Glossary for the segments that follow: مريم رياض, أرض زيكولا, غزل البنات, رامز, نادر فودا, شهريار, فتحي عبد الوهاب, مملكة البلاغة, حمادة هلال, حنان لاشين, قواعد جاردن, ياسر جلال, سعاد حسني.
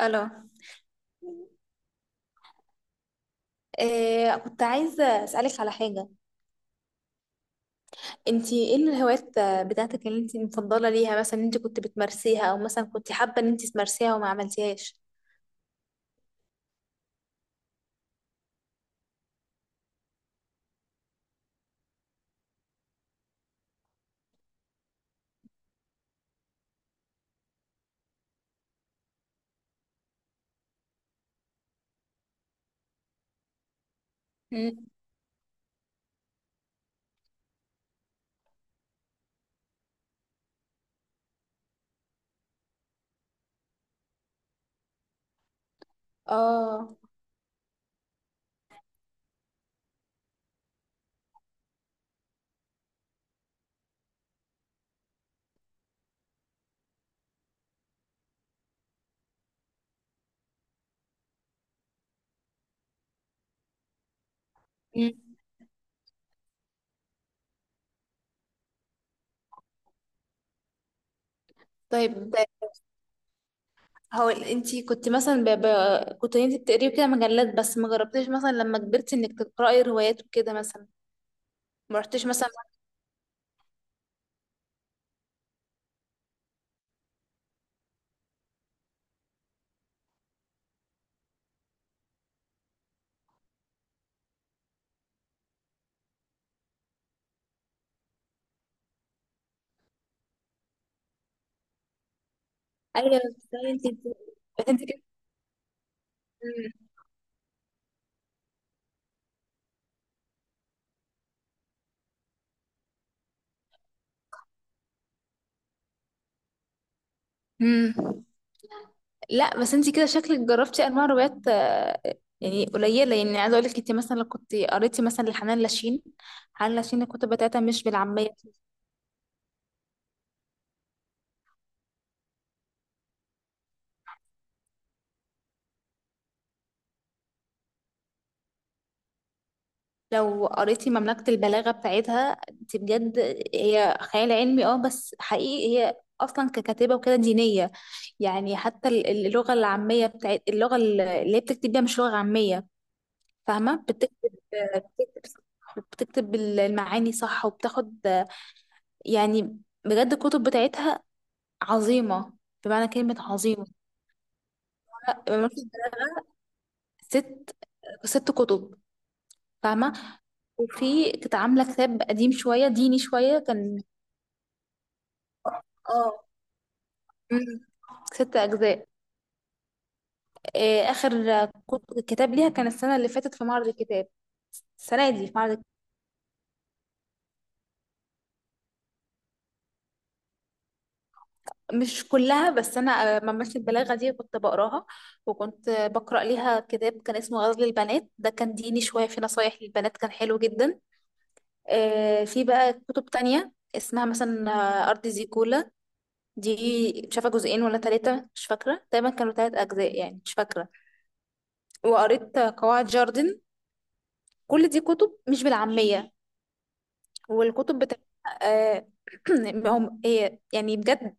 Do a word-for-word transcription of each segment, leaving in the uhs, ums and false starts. الو. إيه، كنت عايزه اسالك على حاجه. انت ايه الهوايات بتاعتك اللي انت مفضله ليها؟ مثلا انت كنت بتمارسيها، او مثلا كنت حابه ان انت تمارسيها وما عملتيهاش؟ مم. اه. مم. طيب، هو انت كنت مثلا ب... ب... كنت انت بتقري كده مجلات، بس ما جربتيش مثلا لما كبرتي انك تقراي روايات وكده مثلا؟ ما رحتيش مثلا؟ ايوه، ازاي انت؟ بس انت كده. مم. مم. لا، بس انت كده شكلك جربتي انواع روايات، آه، يعني قليله. يعني عايزه اقول لك، انت مثلا لو كنت قريتي مثلا لحنان لاشين، حنان لاشين الكتب بتاعتها مش بالعاميه. لو قريتي مملكه البلاغه بتاعتها انت بجد، هي خيال علمي، اه، بس حقيقي هي اصلا ككاتبه وكده دينيه يعني. حتى ال- ال- اللغه العاميه بتاعت اللغه، ال- اللي هي بتكتب بيها مش لغه عاميه. فاهمه، بتكتب بتكتب بتكتب المعاني صح، وبتاخد يعني. بجد الكتب بتاعتها عظيمة، بمعنى كلمة عظيمة. ست ست كتب، فاهمة. وفي كانت عاملة كتاب قديم شوية، ديني شوية كان. اه. مم. ست أجزاء. آه، آخر كت- كتاب ليها كان السنة اللي فاتت في معرض الكتاب، السنة دي في معرض. مش كلها، بس أنا آه، ممارسة البلاغة دي كنت بقراها. وكنت آه، بقرأ ليها كتاب كان اسمه غزل البنات، ده كان ديني شوية، في نصايح للبنات، كان حلو جدا. آه، في بقى كتب تانية اسمها مثلا آه، أرض زيكولا، دي مش عارفة جزئين ولا ثلاثة، مش فاكرة. تقريبا كانوا ثلاث أجزاء يعني، مش فاكرة. وقريت قواعد جاردن، كل دي كتب مش بالعامية. والكتب بتاعتها، آه هم هي يعني بجد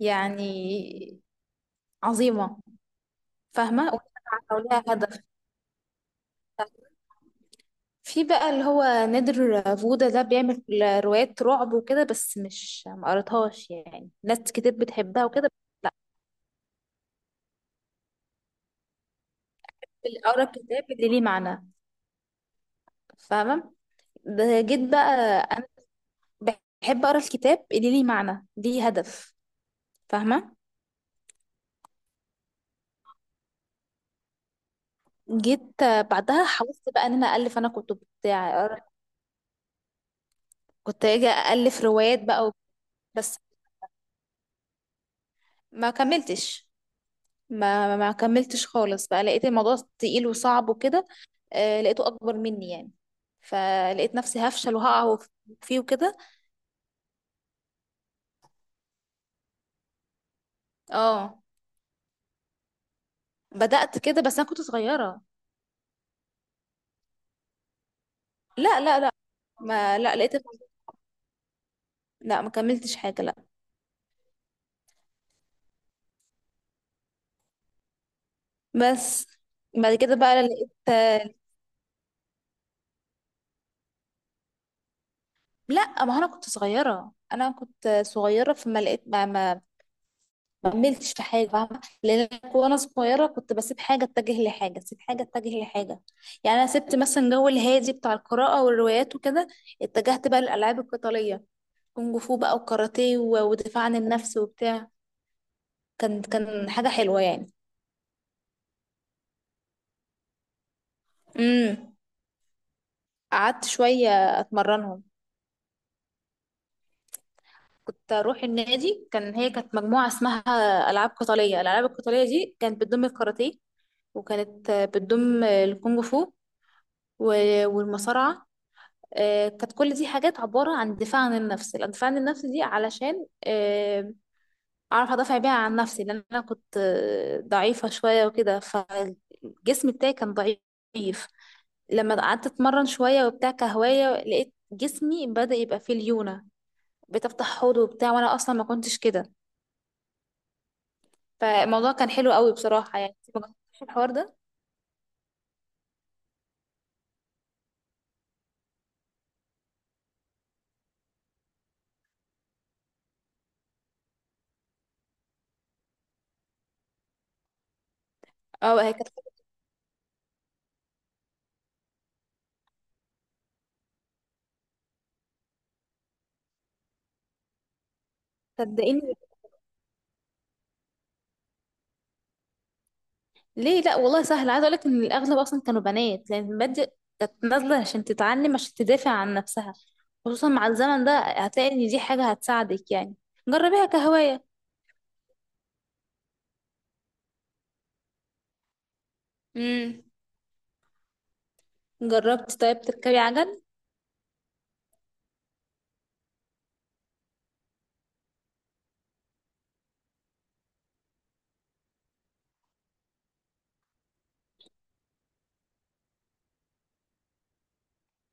يعني عظيمة، فاهمة، ولها هدف. في بقى اللي هو نادر فودا، ده بيعمل روايات رعب وكده، بس مش، ما قريتهاش يعني. ناس كتير بتحبها وكده، بس لا، بقرا الكتاب اللي ليه معنى، فاهمة؟ ده جيت بقى بحب اقرا الكتاب اللي ليه معنى، ليه هدف، فاهمه؟ جيت آه، بعدها حاولت بقى ان انا الف انا كتب بتاع أقرأ- كنت اجي الف روايات بقى و- بس ما كملتش، ما ما كملتش خالص بقى. لقيت الموضوع تقيل وصعب وكده، آه لقيته اكبر مني يعني، فلقيت نفسي هفشل وهقع فيه وكده. اه، بدأت كده، بس انا كنت صغيره. لا لا لا، ما، لا لقيت، لا، ما كملتش حاجه، لا. بس بعد كده بقى لقيت، لا، ما انا كنت صغيره انا كنت صغيره فما لقيت، ما ما ما كملتش في حاجه، فاهمه؟ لان أنا وانا صغيره كنت بسيب حاجه اتجه لحاجه، اسيب حاجه اتجه لحاجه. يعني انا سبت مثلا جو الهادي بتاع القراءه والروايات وكده، اتجهت بقى للالعاب القتاليه، كونج فو بقى وكاراتيه و- ودفاع عن النفس وبتاع. كان كان حاجه حلوه يعني. امم قعدت شويه اتمرنهم، كنت اروح النادي. كان هي كانت مجموعه اسمها العاب قتاليه، الالعاب القتاليه دي كانت بتضم الكاراتيه، وكانت بتضم الكونج فو و- والمصارعة. آه، كانت كل دي حاجات عبارة عن دفاع عن النفس. الدفاع عن النفس دي علشان آه، أعرف أدافع بيها عن نفسي، لأن أنا كنت آه، ضعيفة شوية وكده، فالجسم بتاعي كان ضعيف. لما قعدت اتمرن شويه وبتاع كهوايه، لقيت جسمي بدأ يبقى فيه ليونه، بتفتح حوض وبتاع، وانا اصلا ما كنتش كده. فالموضوع كان حلو قوي بصراحه، يعني ما جربتش الحوار ده. اه، هي كانت. صدقيني، ليه؟ لا والله سهل. عايزه اقول لك ان الاغلب اصلا كانوا بنات، لان المبادئ كانت نازله عشان تتعلم، عشان تدافع عن نفسها. خصوصا مع الزمن ده هتلاقي ان دي حاجه هتساعدك يعني، جربيها كهوايه. امم جربت طيب تركبي عجل؟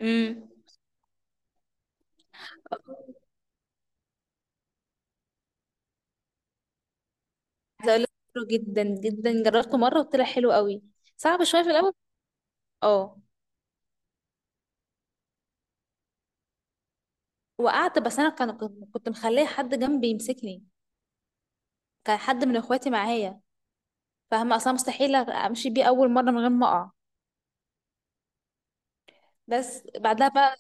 امم عايزه اقول لك، حلو جدا جدا، جربته مره وطلع حلو قوي. صعب شويه في الاول. اه، وقعت، بس انا كان كنت كنت مخليه حد جنبي يمسكني، كان حد من اخواتي معايا. فاهمه؟ اصلا مستحيل امشي بيه اول مره من غير ما اقع. بس بعدها بقى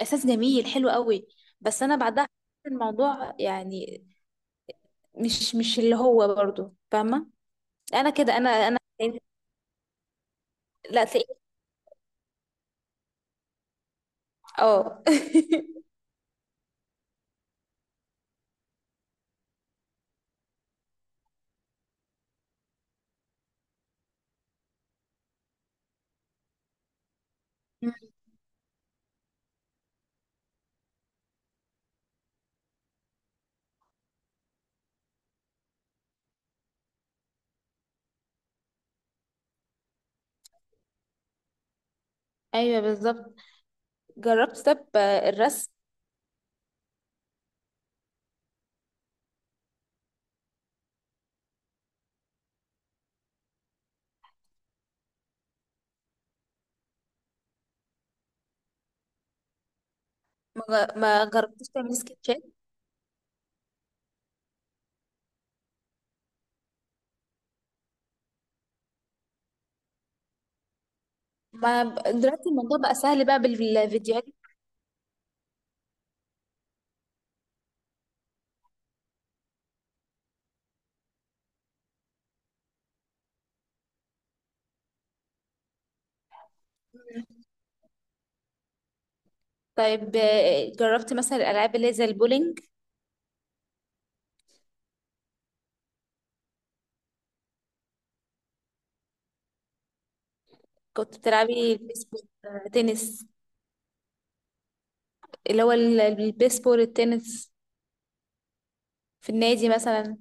احساس جميل حلو قوي. بس انا بعدها حسيت الموضوع يعني مش مش اللي هو برضو، فاهمه؟ انا كده، انا انا لا تلاقي. اه مم. ايوه بالظبط. جربت طب الرسم؟ ما ما جربتش تعمل سكتشات؟ ما ب- دلوقتي الموضوع بقى سهل بقى بالفيديوهات. طيب، آه، جربت مثلا الالعاب اللي هي زي البولينج؟ كنت بتلعبي بيسبول، آه، تنس؟ اللي هو ال- البيسبول، التنس، في النادي مثلا؟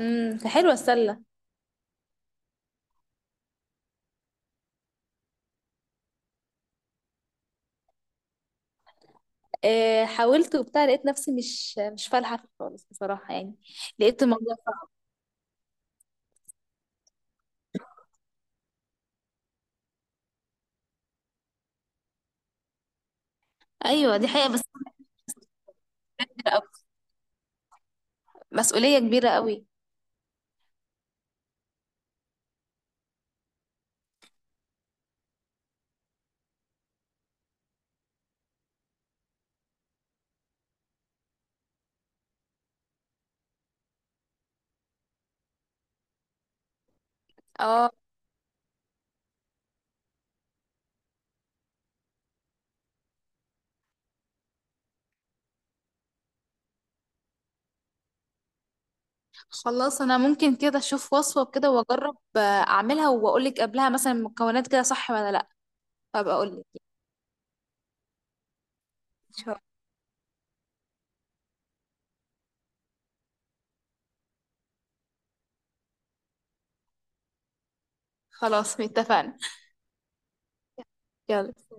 امم حلوه السله. آه، حاولت وبتاع، لقيت نفسي مش مش فالحة فيه خالص، بصراحة يعني. لقيت الموضوع صعب. أيوة، دي حقيقة، بس كبيرة أوي، مسؤولية كبيرة أوي. اه، خلاص، أنا ممكن كده أشوف وصفة كده وأجرب، آه، أعملها، وأقولك قبلها مثلا المكونات كده صح ولا لأ، فأبقى أقولك، إن شاء الله. خلاص، اتفقنا. يلا.